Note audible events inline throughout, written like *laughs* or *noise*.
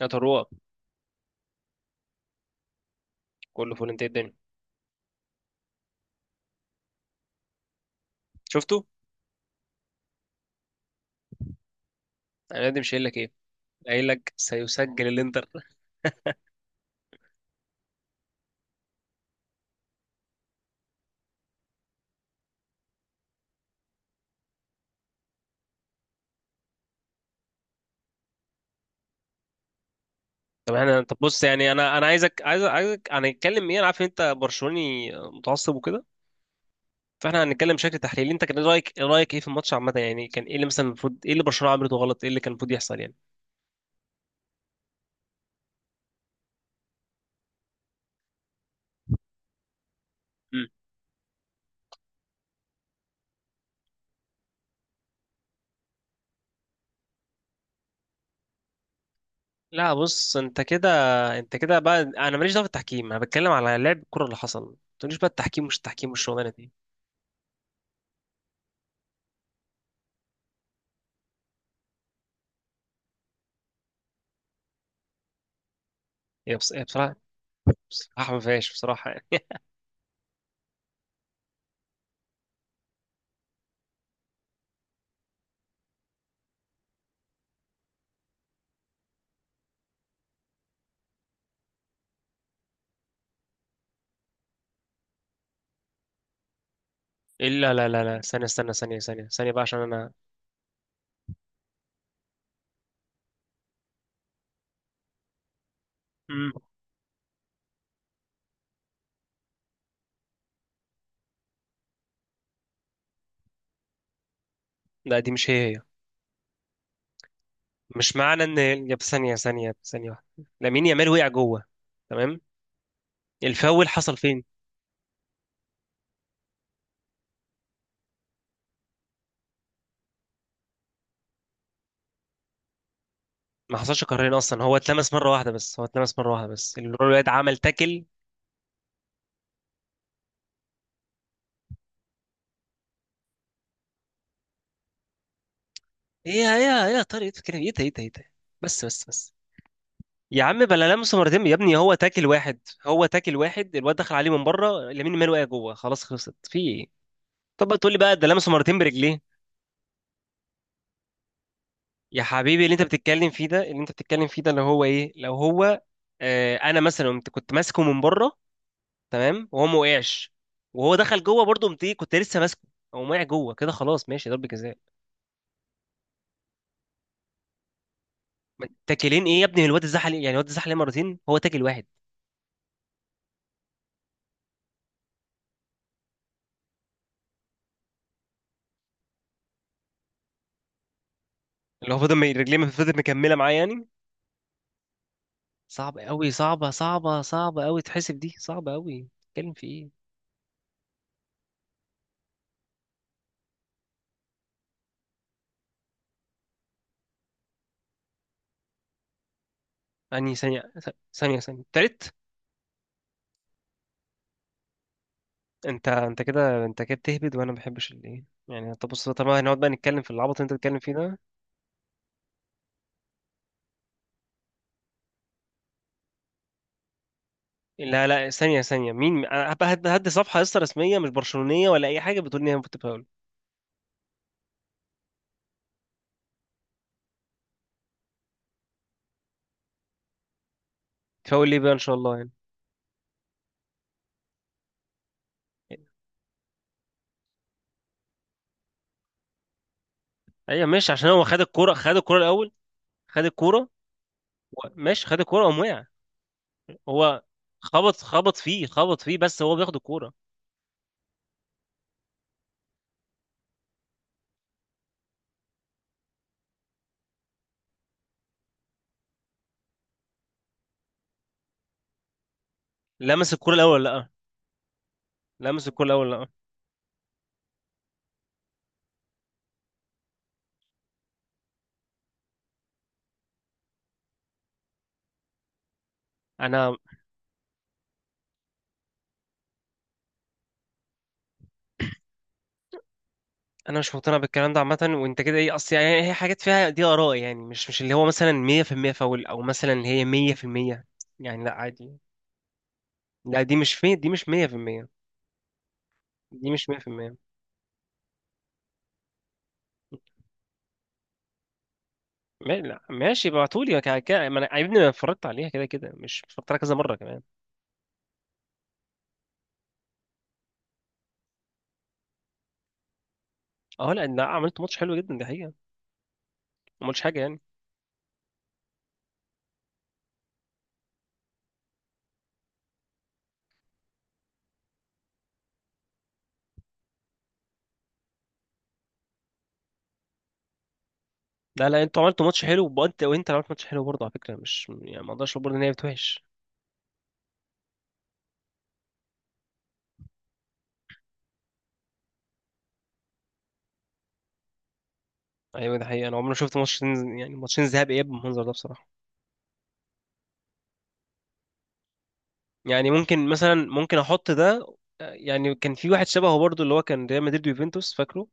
يا طروه، كله فول. انت إيه الدنيا؟ شفته. انا قاعد مش قايل لك ايه؟ قايل لك سيسجل الانتر. طب احنا بص، يعني انا عايزك هنتكلم ايه؟ انا عارف ان انت برشلوني متعصب وكده. فاحنا هنتكلم بشكل تحليلي، انت كان رايك ايه في الماتش عامه يعني؟ كان ايه اللي مثلا المفروض، ايه اللي برشلونه عملته غلط، ايه اللي كان المفروض يحصل يعني؟ مم. لا بص، انت كده بقى انا ماليش دعوه بالتحكيم، انا بتكلم على لعب الكره اللي حصل. ما تقوليش بقى التحكيم مش التحكيم والشغلانه دي. هي بصراحه. بصراحه ما فيهاش، بصراحه. الا، لا لا لا، ثانيه استنى، ثانيه ثانيه ثانيه بقى عشان انا... امم. لا، دي مش هي. مش معنى ان يا، بس ثانيه ثانيه ثانيه واحده، لامين يامال وقع جوه. تمام. الفاول حصل فين؟ ما حصلش قررين اصلا، هو اتلمس مره واحده بس، هو اتلمس مره واحده بس، الواد عمل تاكل. ايه يا إيه يا إيه يا طارق كده؟ ايه ده؟ ايه ده؟ ايه ده؟ بس، بس، بس. يا عم بلا لمسه مرتين يا ابني، هو تاكل واحد، هو تاكل واحد. الواد دخل عليه من بره، لامين يامال وقع جوه، خلاص، خلصت في ايه؟ طب بقى تقول لي بقى ده لمسه مرتين برجليه؟ يا حبيبي، اللي انت بتتكلم فيه ده، اللي انت بتتكلم فيه ده، اللي هو ايه لو هو... آه، انا مثلا كنت ماسكه من بره. تمام وهو ما وقعش، وهو دخل جوه برضه قمت ايه، كنت لسه ماسكه. هو وقع جوه كده، خلاص ماشي ضربة جزاء. تاكلين ايه يا ابني؟ الواد اتزحلق، يعني الواد اتزحلق مرتين، هو تاكل واحد. اللي هو فضل رجليه ما فضل مكمله معاه يعني. صعب قوي، صعبه صعبه صعبه قوي تحسب دي، صعبه قوي، بتتكلم في ايه؟ يعني ثانيه، ثانيه، ثانيه تالت. انت كده، انت كده بتهبد، وانا ما بحبش الايه يعني. طب بص، طالما هنقعد بقى نتكلم في العبط اللي انت بتتكلم فيه ده. لا لا، ثانيه ثانيه، مين انا هبقى هدي صفحه لسه رسميه مش برشلونيه ولا اي حاجه بتقول ان هي المفروض تفاول؟ تفاول ليه بقى ان شاء الله يعني؟ ايوه ماشي، عشان هو خد الكوره، خد الكوره الاول، خد الكوره ماشي خد الكوره قام وقع. هو خبط، خبط فيه، خبط فيه بس هو بياخد الكوره. لمس الكوره الاول ولا لا؟ لمس الكوره الاول ولا لا؟ انا انا مش مقتنع بالكلام ده عامه، وانت كده ايه اصل؟ يعني هي حاجات فيها دي اراء، يعني مش اللي هو مثلا 100% فاول، او مثلا اللي هي 100%، يعني لا عادي. لا، دي مش مية، دي مش 100%، دي مش 100%. لا ماشي ابعتولي، ما انا يا ابني، انا اتفرجت عليها كده كده، مش اتفرجت عليها كذا مره كمان. اه، لا لا، عملت ماتش حلو جدا دي حقيقه، ما قلتش حاجه يعني. لا لا، انتوا عملتوا ماتش حلو، وانت اللي عملت ماتش حلو برضه على فكره، مش يعني ما اقدرش اقول برضه ان هي بتوحش. ايوه ده حقيقه، انا عمري ما شفت ماتش، يعني ماتشين ذهاب اياب بالمنظر ده بصراحه. يعني ممكن مثلا، ممكن احط ده. يعني كان في واحد شبهه برضو، اللي هو كان ريال مدريد ويوفنتوس، فاكره؟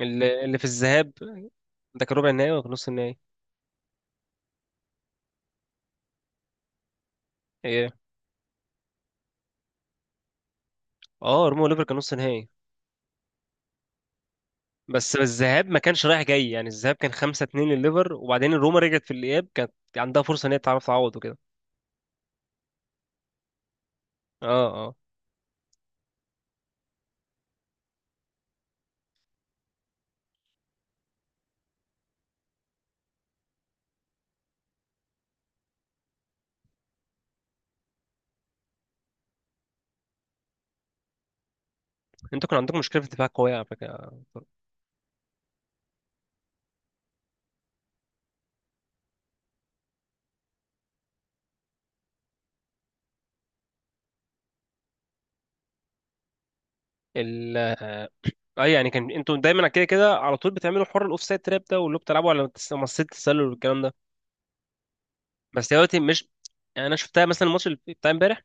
اللي في الذهاب. ده كان ربع النهائي ولا كان نص النهائي؟ ايه، اه، روما وليفر كان نص نهائي. بس الذهاب ما كانش رايح جاي، يعني الذهاب كان 5-2 لليفر وبعدين روما رجعت في الاياب، كانت عندها فرصه ان هي تعرف تعوض وكده. اه، اه، انتوا كان عندكم مشكله في الدفاع قويه على فكره. ال اه يعني كان انتوا دايما كده كده على طول بتعملوا حوار الاوفسايد تراب ده، واللي هو بتلعبوا على مصيدة التسلل والكلام ده. بس هي دلوقتي مش... يعني انا شفتها مثلا الماتش اللي بتاع امبارح،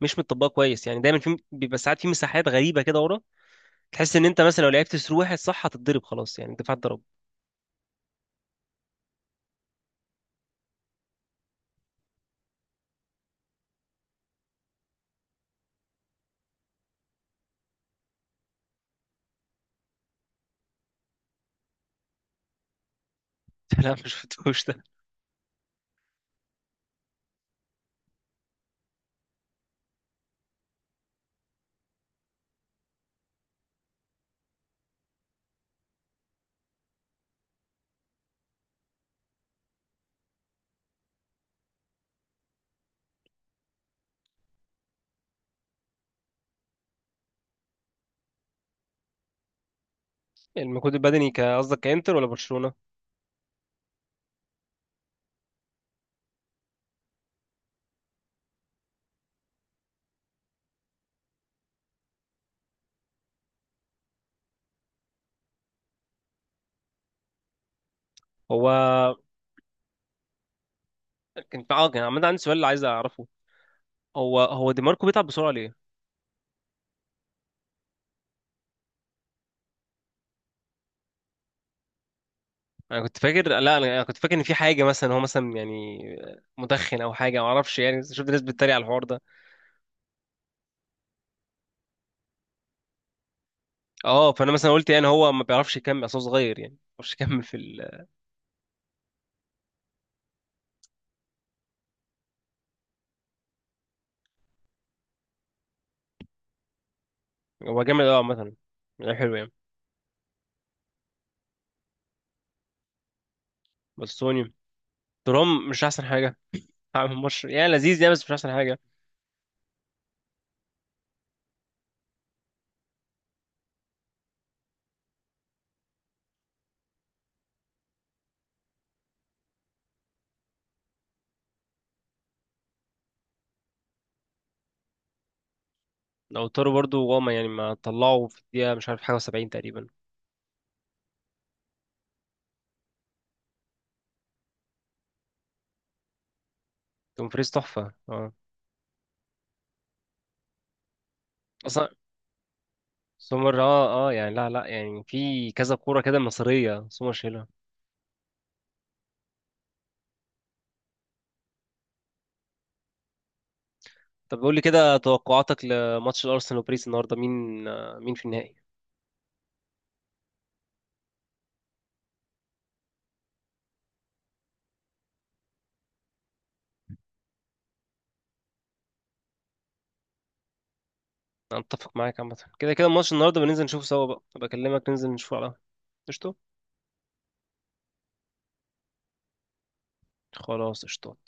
مش متطبقه كويس يعني، دايما في بيبقى ساعات في مساحات غريبه كده ورا، تحس ان انت مثلا لو لعبت سرو واحد صح هتتضرب، خلاص يعني الدفاع اتضرب. *laughs* لا ما شفتوش ده. المجهود البدني، قصدك كانتر ولا برشلونه؟ هو كان عامه عندي سؤال اللي عايز اعرفه، هو دي ماركو بيتعب بسرعه ليه؟ انا كنت فاكر، لا، انا كنت فاكر ان في حاجه مثلا، هو مثلا يعني مدخن او حاجه ما اعرفش، يعني شفت ناس بتتريق على الحوار ده. اه، فانا مثلا قلت يعني هو ما بيعرفش يكمل اصلا صغير يعني، ما بيعرفش يكمل في... هو جامد قوي عامة، لعيب حلو يعني. بس سوني ترام مش أحسن حاجة، عامل ماتش يعني لذيذ يعني، بس مش أحسن حاجة. لو تورو برضو وهما، يعني ما طلعوا في الدقيقة مش عارف حاجة وسبعين تقريبا. دومفريز تحفة، اه، أصلا. سومر، اه اه، يعني لا لا، يعني في كذا كورة كده مصرية سومر شايلها. طب قول لي كده توقعاتك لماتش الأرسنال وباريس النهاردة، مين في النهائي؟ أنا أتفق معاك، عامة كده كده الماتش النهاردة بننزل نشوفه سوا، بقى بكلمك ننزل نشوفه على قشطة. خلاص قشطات.